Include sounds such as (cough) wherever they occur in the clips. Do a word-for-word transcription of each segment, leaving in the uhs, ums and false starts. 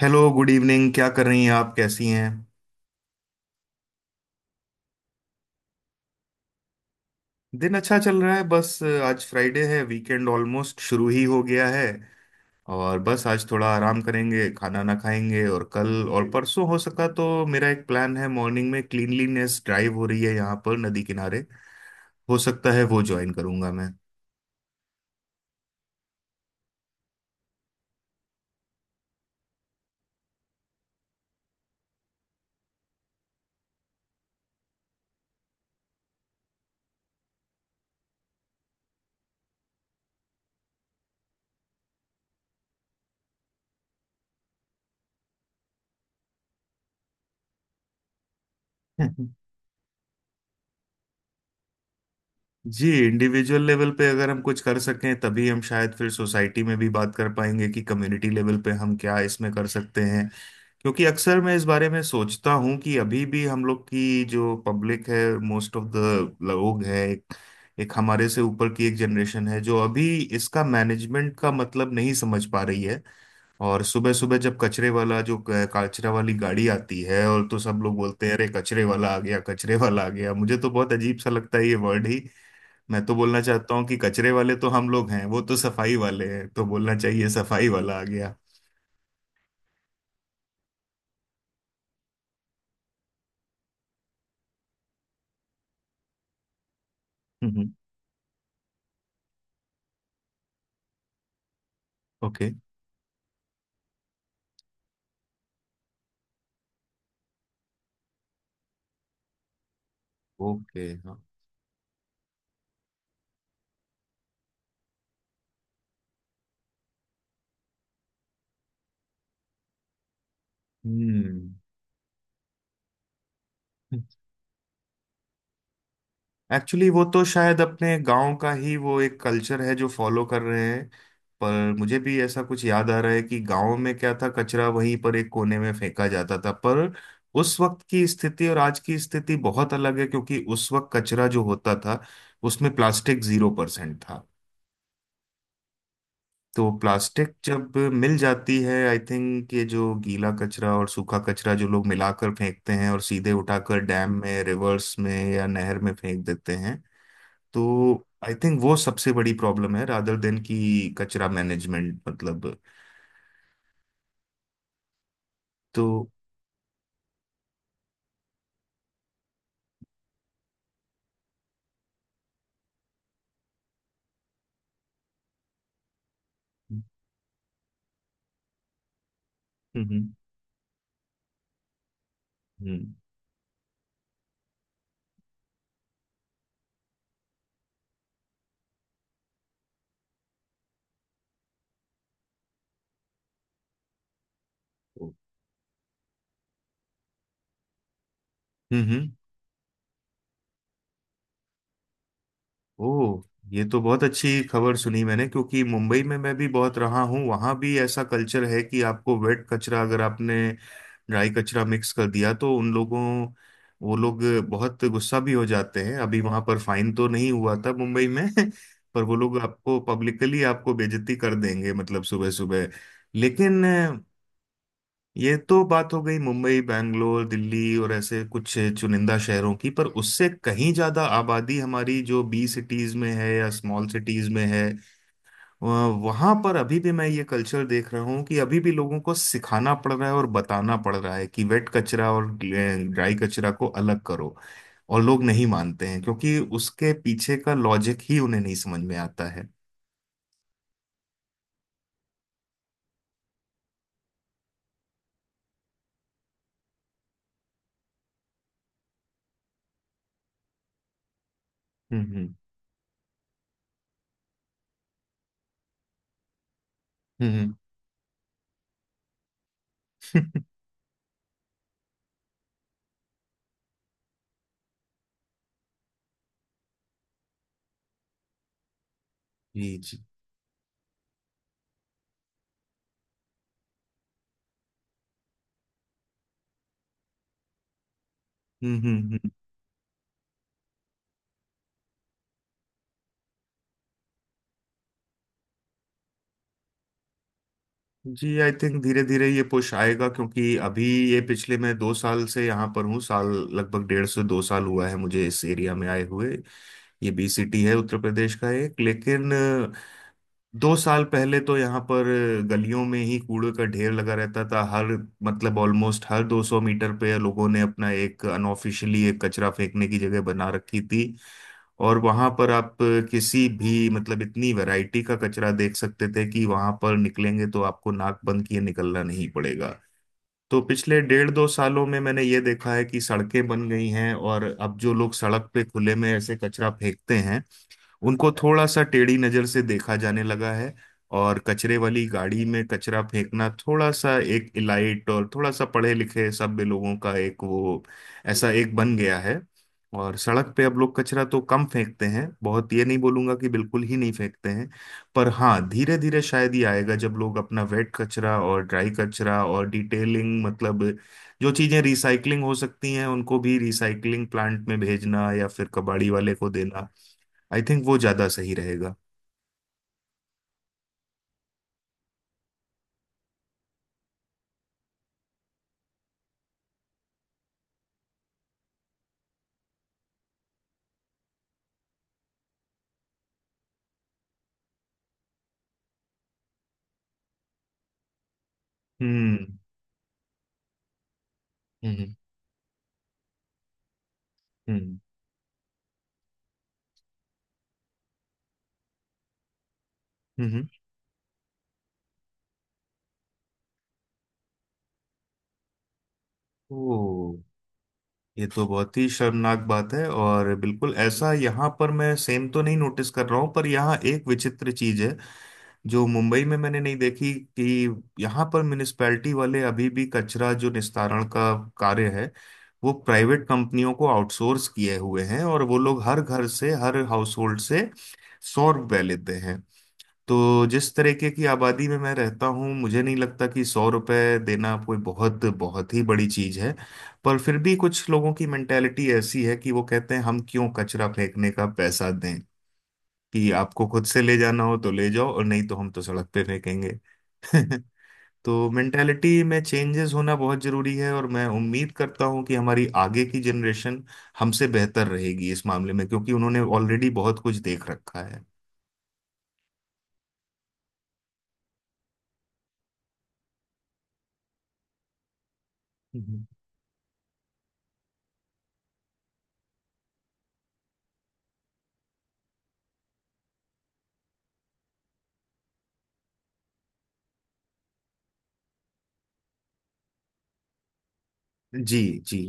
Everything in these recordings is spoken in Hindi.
हेलो। Good evening. क्या कर रही हैं आप? कैसी हैं? दिन अच्छा चल रहा है। बस अ, आज फ्राइडे है। वीकेंड ऑलमोस्ट शुरू ही हो गया है। और बस आज थोड़ा आराम करेंगे, खाना ना खाएंगे। और कल और परसों हो सका तो मेरा एक प्लान है। मॉर्निंग में क्लीनलीनेस ड्राइव हो रही है यहाँ पर नदी किनारे। हो सकता है वो ज्वाइन करूंगा मैं। (laughs) जी, इंडिविजुअल लेवल पे अगर हम कुछ कर सकें तभी हम शायद फिर सोसाइटी में भी बात कर पाएंगे कि कम्युनिटी लेवल पे हम क्या इसमें कर सकते हैं। क्योंकि अक्सर मैं इस बारे में सोचता हूँ कि अभी भी हम लोग की जो पब्लिक है, मोस्ट ऑफ द लोग है, एक, एक हमारे से ऊपर की एक जनरेशन है जो अभी इसका मैनेजमेंट का मतलब नहीं समझ पा रही है। और सुबह सुबह जब कचरे वाला जो क- कचरा वाली गाड़ी आती है और तो सब लोग बोलते हैं अरे कचरे वाला आ गया, कचरे वाला आ गया। मुझे तो बहुत अजीब सा लगता है ये वर्ड ही। मैं तो बोलना चाहता हूँ कि कचरे वाले तो हम लोग हैं, वो तो सफाई वाले हैं। तो बोलना चाहिए सफाई वाला आ गया। हम्म। ओके। ओके। हम्म। एक्चुअली वो तो शायद अपने गांव का ही वो एक कल्चर है जो फॉलो कर रहे हैं। पर मुझे भी ऐसा कुछ याद आ रहा है कि गांव में क्या था, कचरा वहीं पर एक कोने में फेंका जाता था। पर उस वक्त की स्थिति और आज की स्थिति बहुत अलग है, क्योंकि उस वक्त कचरा जो होता था उसमें प्लास्टिक जीरो परसेंट था। तो प्लास्टिक जब मिल जाती है आई थिंक ये जो गीला कचरा और सूखा कचरा जो लोग मिलाकर फेंकते हैं और सीधे उठाकर डैम में, रिवर्स में या नहर में फेंक देते हैं। तो आई थिंक वो सबसे बड़ी प्रॉब्लम है रादर देन की कचरा मैनेजमेंट मतलब। तो। हम्म। हम्म। हम्म। ओह। ये तो बहुत अच्छी खबर सुनी मैंने, क्योंकि मुंबई में मैं भी बहुत रहा हूँ। वहाँ भी ऐसा कल्चर है कि आपको वेट कचरा अगर आपने ड्राई कचरा मिक्स कर दिया तो उन लोगों वो लोग बहुत गुस्सा भी हो जाते हैं। अभी वहाँ पर फाइन तो नहीं हुआ था मुंबई में। (laughs) पर वो लोग आपको पब्लिकली आपको बेइज्जती कर देंगे, मतलब सुबह सुबह। लेकिन ये तो बात हो गई मुंबई, बैंगलोर, दिल्ली और ऐसे कुछ चुनिंदा शहरों की। पर उससे कहीं ज्यादा आबादी हमारी जो बी सिटीज में है या स्मॉल सिटीज में है। वहां पर अभी भी मैं ये कल्चर देख रहा हूँ कि अभी भी लोगों को सिखाना पड़ रहा है और बताना पड़ रहा है कि वेट कचरा और ड्राई कचरा को अलग करो। और लोग नहीं मानते हैं क्योंकि उसके पीछे का लॉजिक ही उन्हें नहीं समझ में आता है। हम्म। हम्म। हम्म। जी। जी। हम्म। हम्म। हम्म। जी, आई थिंक धीरे धीरे ये पुश आएगा क्योंकि अभी ये पिछले मैं दो साल से यहाँ पर हूँ। साल लगभग डेढ़ से दो साल हुआ है मुझे इस एरिया में आए हुए। ये बी सिटी है उत्तर प्रदेश का एक। लेकिन दो साल पहले तो यहाँ पर गलियों में ही कूड़े का ढेर लगा रहता था हर, मतलब ऑलमोस्ट हर दो सौ मीटर पे लोगों ने अपना एक अनऑफिशियली एक कचरा फेंकने की जगह बना रखी थी। और वहां पर आप किसी भी, मतलब इतनी वैरायटी का कचरा देख सकते थे कि वहां पर निकलेंगे तो आपको नाक बंद किए निकलना नहीं पड़ेगा। तो पिछले डेढ़ दो सालों में मैंने ये देखा है कि सड़कें बन गई हैं। और अब जो लोग सड़क पे खुले में ऐसे कचरा फेंकते हैं, उनको थोड़ा सा टेढ़ी नजर से देखा जाने लगा है। और कचरे वाली गाड़ी में कचरा फेंकना थोड़ा सा एक इलाइट और थोड़ा सा पढ़े लिखे सभ्य लोगों का एक वो, ऐसा एक बन गया है। और सड़क पे अब लोग कचरा तो कम फेंकते हैं बहुत, ये नहीं बोलूंगा कि बिल्कुल ही नहीं फेंकते हैं। पर हाँ, धीरे धीरे शायद ये आएगा जब लोग अपना वेट कचरा और ड्राई कचरा और डिटेलिंग, मतलब जो चीजें रिसाइकलिंग हो सकती हैं उनको भी रिसाइकलिंग प्लांट में भेजना या फिर कबाड़ी वाले को देना। आई थिंक वो ज्यादा सही रहेगा। हम्म। हम्म। हम्म। हम्म। ओ। ये तो बहुत ही शर्मनाक बात है और बिल्कुल ऐसा यहाँ पर मैं सेम तो नहीं नोटिस कर रहा हूँ। पर यहाँ एक विचित्र चीज है जो मुंबई में मैंने नहीं देखी, कि यहाँ पर म्युनिसपैलिटी वाले अभी भी कचरा जो निस्तारण का कार्य है वो प्राइवेट कंपनियों को आउटसोर्स किए हुए हैं और वो लोग हर घर से, हर हाउस होल्ड से सौ रुपए लेते हैं। तो जिस तरीके की आबादी में मैं रहता हूँ मुझे नहीं लगता कि सौ रुपये देना कोई बहुत बहुत ही बड़ी चीज़ है। पर फिर भी कुछ लोगों की मेंटेलिटी ऐसी है कि वो कहते हैं हम क्यों कचरा फेंकने का पैसा दें। कि आपको खुद से ले जाना हो तो ले जाओ और नहीं तो हम तो सड़क पे फेंकेंगे। (laughs) तो मेंटेलिटी में चेंजेस होना बहुत ज़रूरी है। और मैं उम्मीद करता हूँ कि हमारी आगे की जनरेशन हमसे बेहतर रहेगी इस मामले में, क्योंकि उन्होंने ऑलरेडी बहुत कुछ देख रखा है। हम्म। जी। जी।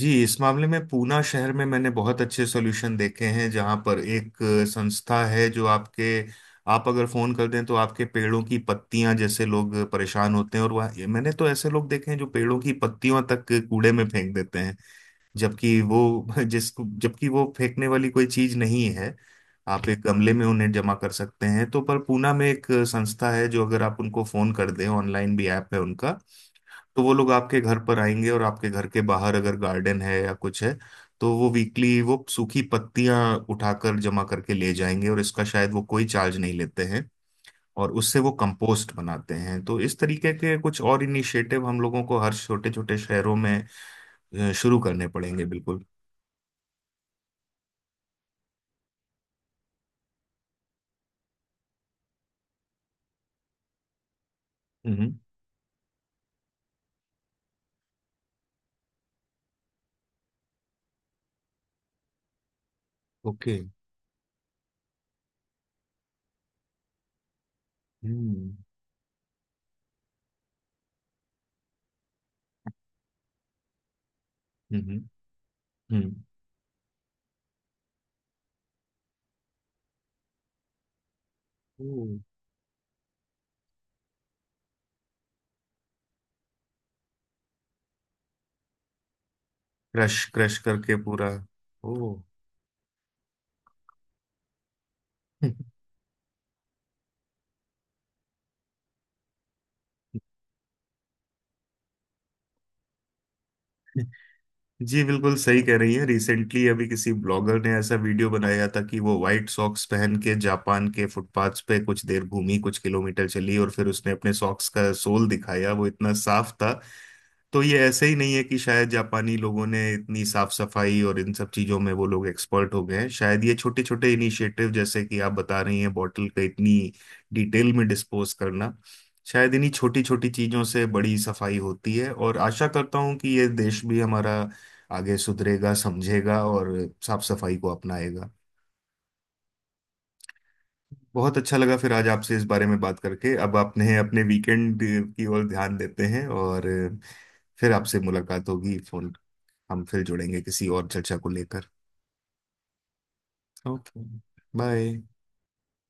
जी, इस मामले में पूना शहर में मैंने बहुत अच्छे सॉल्यूशन देखे हैं जहाँ पर एक अ, संस्था है जो आपके आप अगर फोन कर दें तो आपके पेड़ों की पत्तियां, जैसे लोग परेशान होते हैं। और वह ये- मैंने तो ऐसे लोग देखे हैं जो पेड़ों की पत्तियों तक कूड़े में फेंक देते हैं, जबकि वो (laughs) जिसको, जबकि वो फेंकने वाली कोई चीज नहीं है। आप एक गमले में उन्हें जमा कर सकते हैं तो। पर पूना में एक संस्था है जो अगर आप उनको फोन कर दें, ऑनलाइन भी ऐप है उनका। तो वो लोग आपके घर पर आएंगे और आपके घर के बाहर अगर गार्डन है या कुछ है तो वो वीकली वो सूखी पत्तियां उठाकर जमा करके ले जाएंगे। और इसका शायद वो कोई चार्ज नहीं लेते हैं। और उससे वो कंपोस्ट बनाते हैं। तो इस तरीके के कुछ और इनिशिएटिव हम लोगों को हर छोटे छोटे शहरों में अ, शुरू करने पड़ेंगे बिल्कुल। हम्म। ओके। हम्म। हम्म। हम्म। ओ। क्रश क्रश करके पूरा। ओ। (laughs) जी, बिल्कुल सही कह रही है। रिसेंटली अभी किसी ब्लॉगर ने ऐसा वीडियो बनाया था कि वो व्हाइट सॉक्स पहन के जापान के फुटपाथ्स पे कुछ देर घूमी, कुछ किलोमीटर चली। और फिर उसने अपने सॉक्स का सोल दिखाया, वो इतना साफ था। तो ये ऐसे ही नहीं है कि शायद जापानी लोगों ने इतनी साफ सफाई और इन सब चीजों में वो लोग एक्सपर्ट हो गए हैं। शायद ये छोटे छोटे इनिशिएटिव, जैसे कि आप बता रही हैं बॉटल का इतनी डिटेल में डिस्पोज करना, शायद इन्हीं छोटी छोटी चीजों से बड़ी सफाई होती है। और आशा करता हूं कि ये देश भी हमारा आगे सुधरेगा, समझेगा और साफ सफाई को अपनाएगा। बहुत अच्छा लगा फिर आज आपसे इस बारे में बात करके। अब आपने अपने वीकेंड की ओर ध्यान देते हैं और फिर आपसे मुलाकात होगी। फोन, हम फिर जुड़ेंगे किसी और चर्चा को लेकर। ओके। बाय।